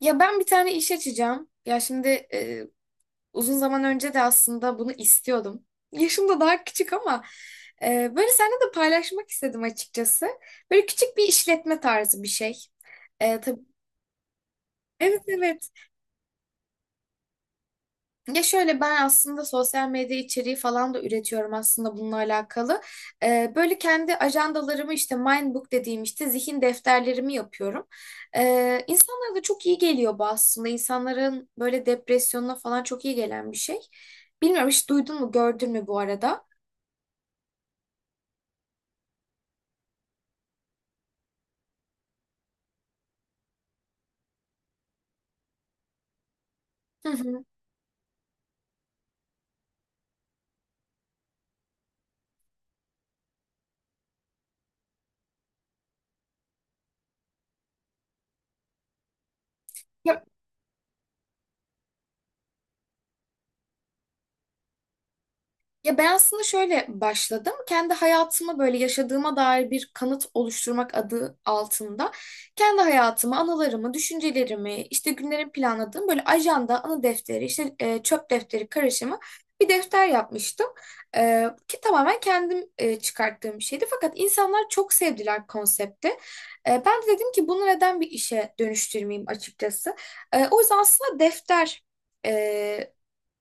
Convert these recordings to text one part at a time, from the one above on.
Ya ben bir tane iş açacağım. Ya şimdi e, uzun zaman önce de aslında bunu istiyordum. Yaşım da daha küçük ama böyle seninle de paylaşmak istedim açıkçası. Böyle küçük bir işletme tarzı bir şey. Tabii, evet evet. Ya şöyle ben aslında sosyal medya içeriği falan da üretiyorum aslında bununla alakalı. Böyle kendi ajandalarımı işte Mindbook dediğim işte zihin defterlerimi yapıyorum. İnsanlara da çok iyi geliyor bu aslında. İnsanların böyle depresyonuna falan çok iyi gelen bir şey. Bilmiyorum hiç duydun mu gördün mü bu arada? Hı hı. Ya Ya ben aslında şöyle başladım. Kendi hayatıma böyle yaşadığıma dair bir kanıt oluşturmak adı altında kendi hayatımı, anılarımı, düşüncelerimi, işte günlerimi planladığım böyle ajanda, anı defteri, işte çöp defteri karışımı bir defter yapmıştım. Ki tamamen kendim çıkarttığım bir şeydi. Fakat insanlar çok sevdiler konsepti. Ben de dedim ki bunu neden bir işe dönüştürmeyeyim açıkçası. O yüzden aslında defter e,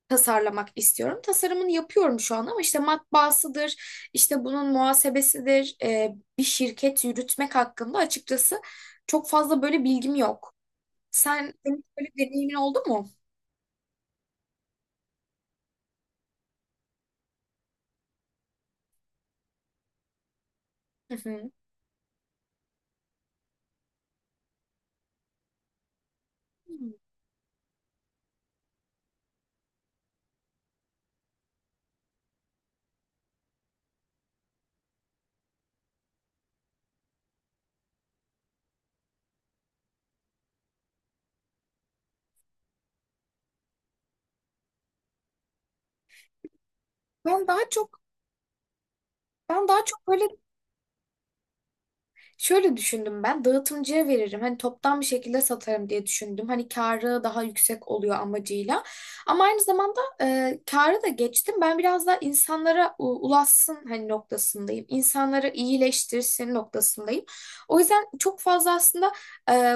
tasarlamak istiyorum. Tasarımını yapıyorum şu an ama işte matbaasıdır, işte bunun muhasebesidir, bir şirket yürütmek hakkında açıkçası çok fazla böyle bilgim yok. Senin böyle bir deneyimin oldu mu? Hı hı. Ben daha çok ben daha çok böyle. Şöyle düşündüm ben dağıtımcıya veririm. Hani toptan bir şekilde satarım diye düşündüm. Hani karı daha yüksek oluyor amacıyla. Ama aynı zamanda karı da geçtim. Ben biraz daha insanlara ulaşsın hani noktasındayım. İnsanları iyileştirsin noktasındayım. O yüzden çok fazla aslında e,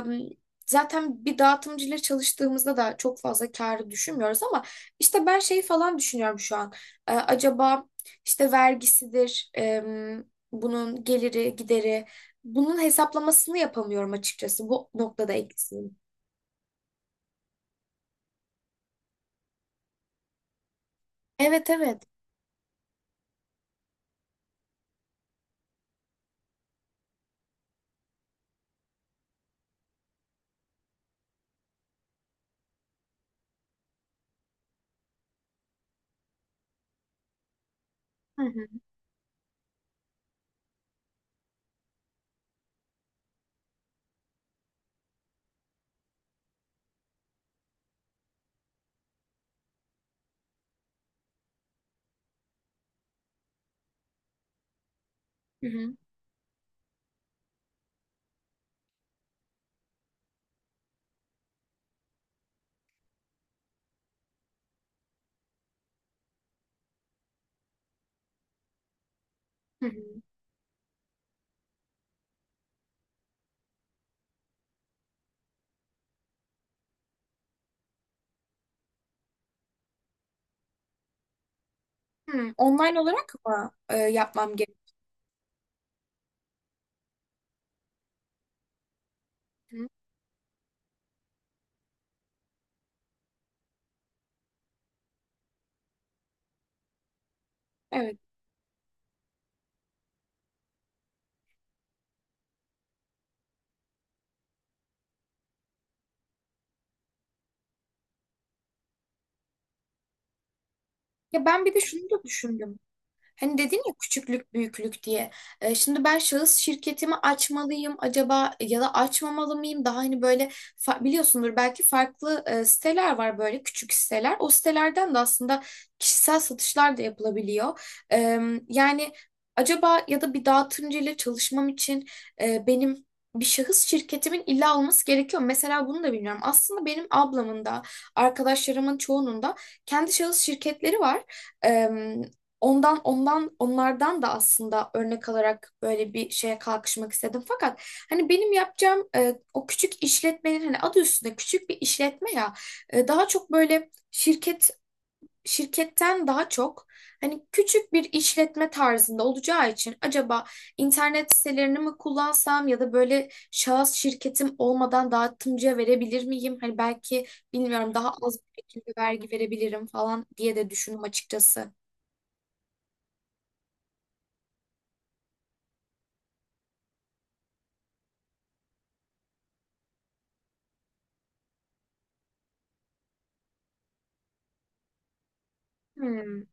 zaten bir dağıtımcıyla çalıştığımızda da çok fazla karı düşünmüyoruz ama işte ben şey falan düşünüyorum şu an. Acaba işte vergisidir, bunun geliri, gideri bunun hesaplamasını yapamıyorum açıkçası. Bu noktada eksiğim. Evet evet. Hı hı. Hı hı. Hı hı. Hı, online olarak mı yapmam gerekiyor? Hı, evet. Ya ben bir de şunu da düşündüm. Hani dedin ya küçüklük büyüklük diye. Şimdi ben şahıs şirketimi açmalıyım acaba ya da açmamalı mıyım? Daha hani böyle biliyorsundur belki farklı siteler var böyle küçük siteler. O sitelerden de aslında kişisel satışlar da yapılabiliyor. E, Yani acaba ya da bir dağıtımcı ile çalışmam için benim bir şahıs şirketimin illa olması gerekiyor mu? Mesela bunu da bilmiyorum. Aslında benim ablamın da arkadaşlarımın çoğunun da kendi şahıs şirketleri var. Ondan ondan onlardan da aslında örnek alarak böyle bir şeye kalkışmak istedim. Fakat hani benim yapacağım o küçük işletmenin hani adı üstünde küçük bir işletme ya daha çok böyle şirketten daha çok hani küçük bir işletme tarzında olacağı için acaba internet sitelerini mi kullansam ya da böyle şahıs şirketim olmadan dağıtımcıya verebilir miyim? Hani belki bilmiyorum daha az bir şekilde vergi verebilirim falan diye de düşündüm açıkçası. Hmm.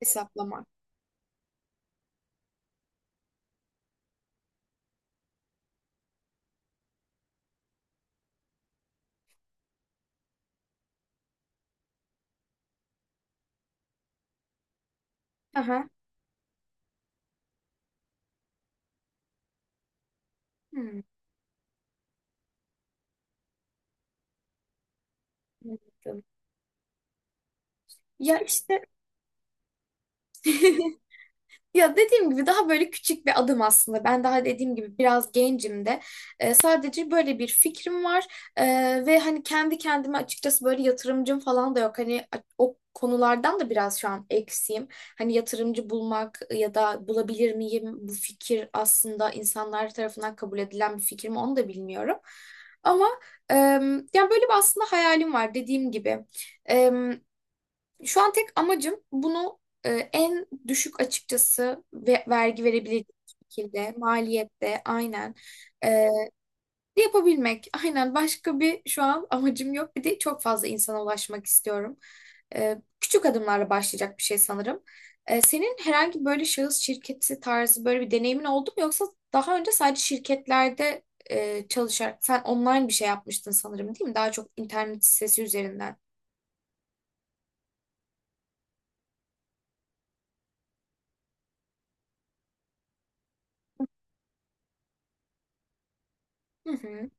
Hesaplamak. Aha. Hmm, anladım. Ya işte. Ya dediğim gibi daha böyle küçük bir adım aslında. Ben daha dediğim gibi biraz gencim de. Sadece böyle bir fikrim var. Ee, Ve hani kendi kendime açıkçası böyle yatırımcım falan da yok. Hani o konulardan da biraz şu an eksiğim. Hani yatırımcı bulmak ya da bulabilir miyim, bu fikir aslında insanlar tarafından kabul edilen bir fikir mi, onu da bilmiyorum. Ama yani böyle bir aslında hayalim var dediğim gibi. Şu an tek amacım bunu en düşük açıkçası ve vergi verebilecek şekilde, maliyette aynen e, yapabilmek. Aynen, başka bir şu an amacım yok. Bir de çok fazla insana ulaşmak istiyorum. Küçük adımlarla başlayacak bir şey sanırım. Senin herhangi böyle şahıs şirketi tarzı böyle bir deneyimin oldu mu? Yoksa daha önce sadece şirketlerde çalışarak sen online bir şey yapmıştın sanırım değil mi? Daha çok internet sitesi üzerinden. Hı hı.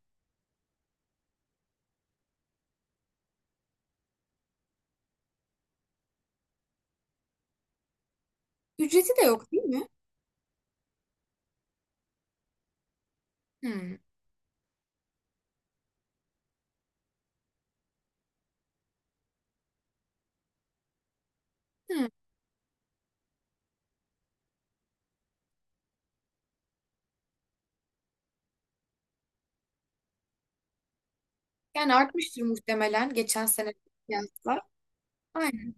Ücreti de yok değil mi? Hı. Hı. Yani artmıştır muhtemelen geçen sene kıyasla. Aynen.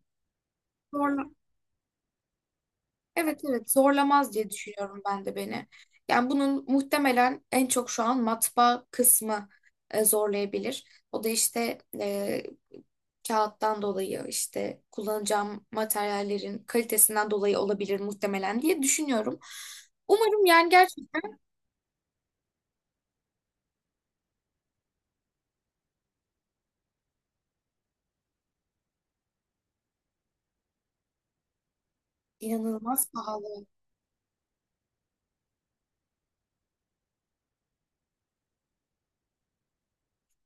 Zorla. Evet evet, zorlamaz diye düşünüyorum ben de beni. Yani bunun muhtemelen en çok şu an matbaa kısmı zorlayabilir. O da işte kağıttan dolayı, işte kullanacağım materyallerin kalitesinden dolayı olabilir muhtemelen diye düşünüyorum. Umarım yani gerçekten inanılmaz pahalı.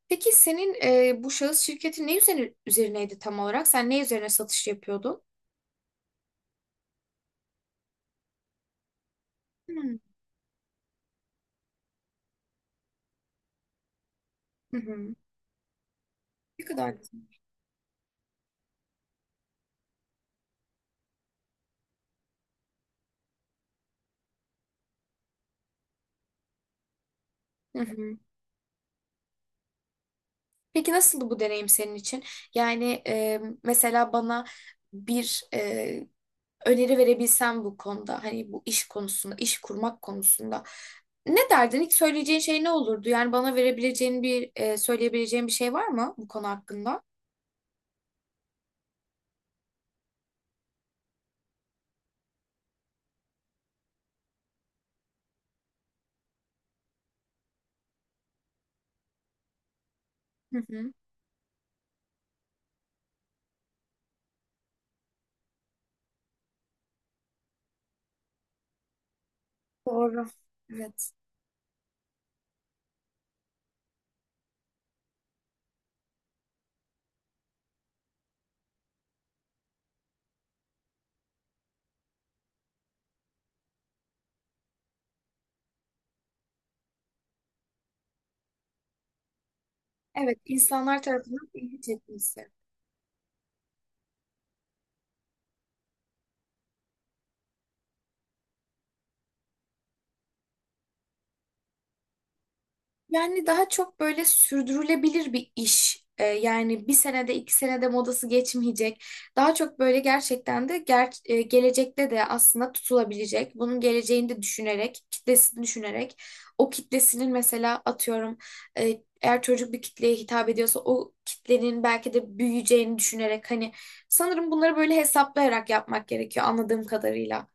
Peki senin bu şahıs şirketi ne üzerineydi tam olarak? Sen ne üzerine satış yapıyordun? Hmm. Hı hı. Ne kadar güzel. Hı hı. Peki nasıldı bu deneyim senin için? Yani mesela bana bir e, öneri verebilsen bu konuda, hani bu iş konusunda, iş kurmak konusunda ne derdin? İlk söyleyeceğin şey ne olurdu? Yani bana verebileceğin söyleyebileceğin bir şey var mı bu konu hakkında? Hı hı. Doğru. Evet. Evet, insanlar tarafından ilgi çekmesi. Yani daha çok böyle sürdürülebilir bir iş. Yani bir senede iki senede modası geçmeyecek. Daha çok böyle gerçekten de gelecekte de aslında tutulabilecek. Bunun geleceğini de düşünerek, kitlesini düşünerek. O kitlesinin mesela atıyorum eğer çocuk bir kitleye hitap ediyorsa o kitlenin belki de büyüyeceğini düşünerek, hani sanırım bunları böyle hesaplayarak yapmak gerekiyor anladığım kadarıyla.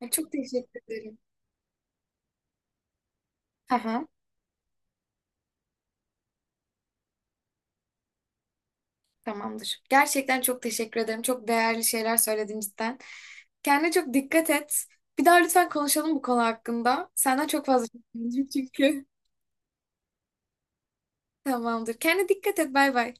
Yani çok teşekkür ederim. Tamamdır. Gerçekten çok teşekkür ederim. Çok değerli şeyler söyledin cidden. Kendine çok dikkat et. Bir daha lütfen konuşalım bu konu hakkında. Senden çok fazla şey öğrendim çünkü. Tamamdır. Kendine dikkat et. Bay bay.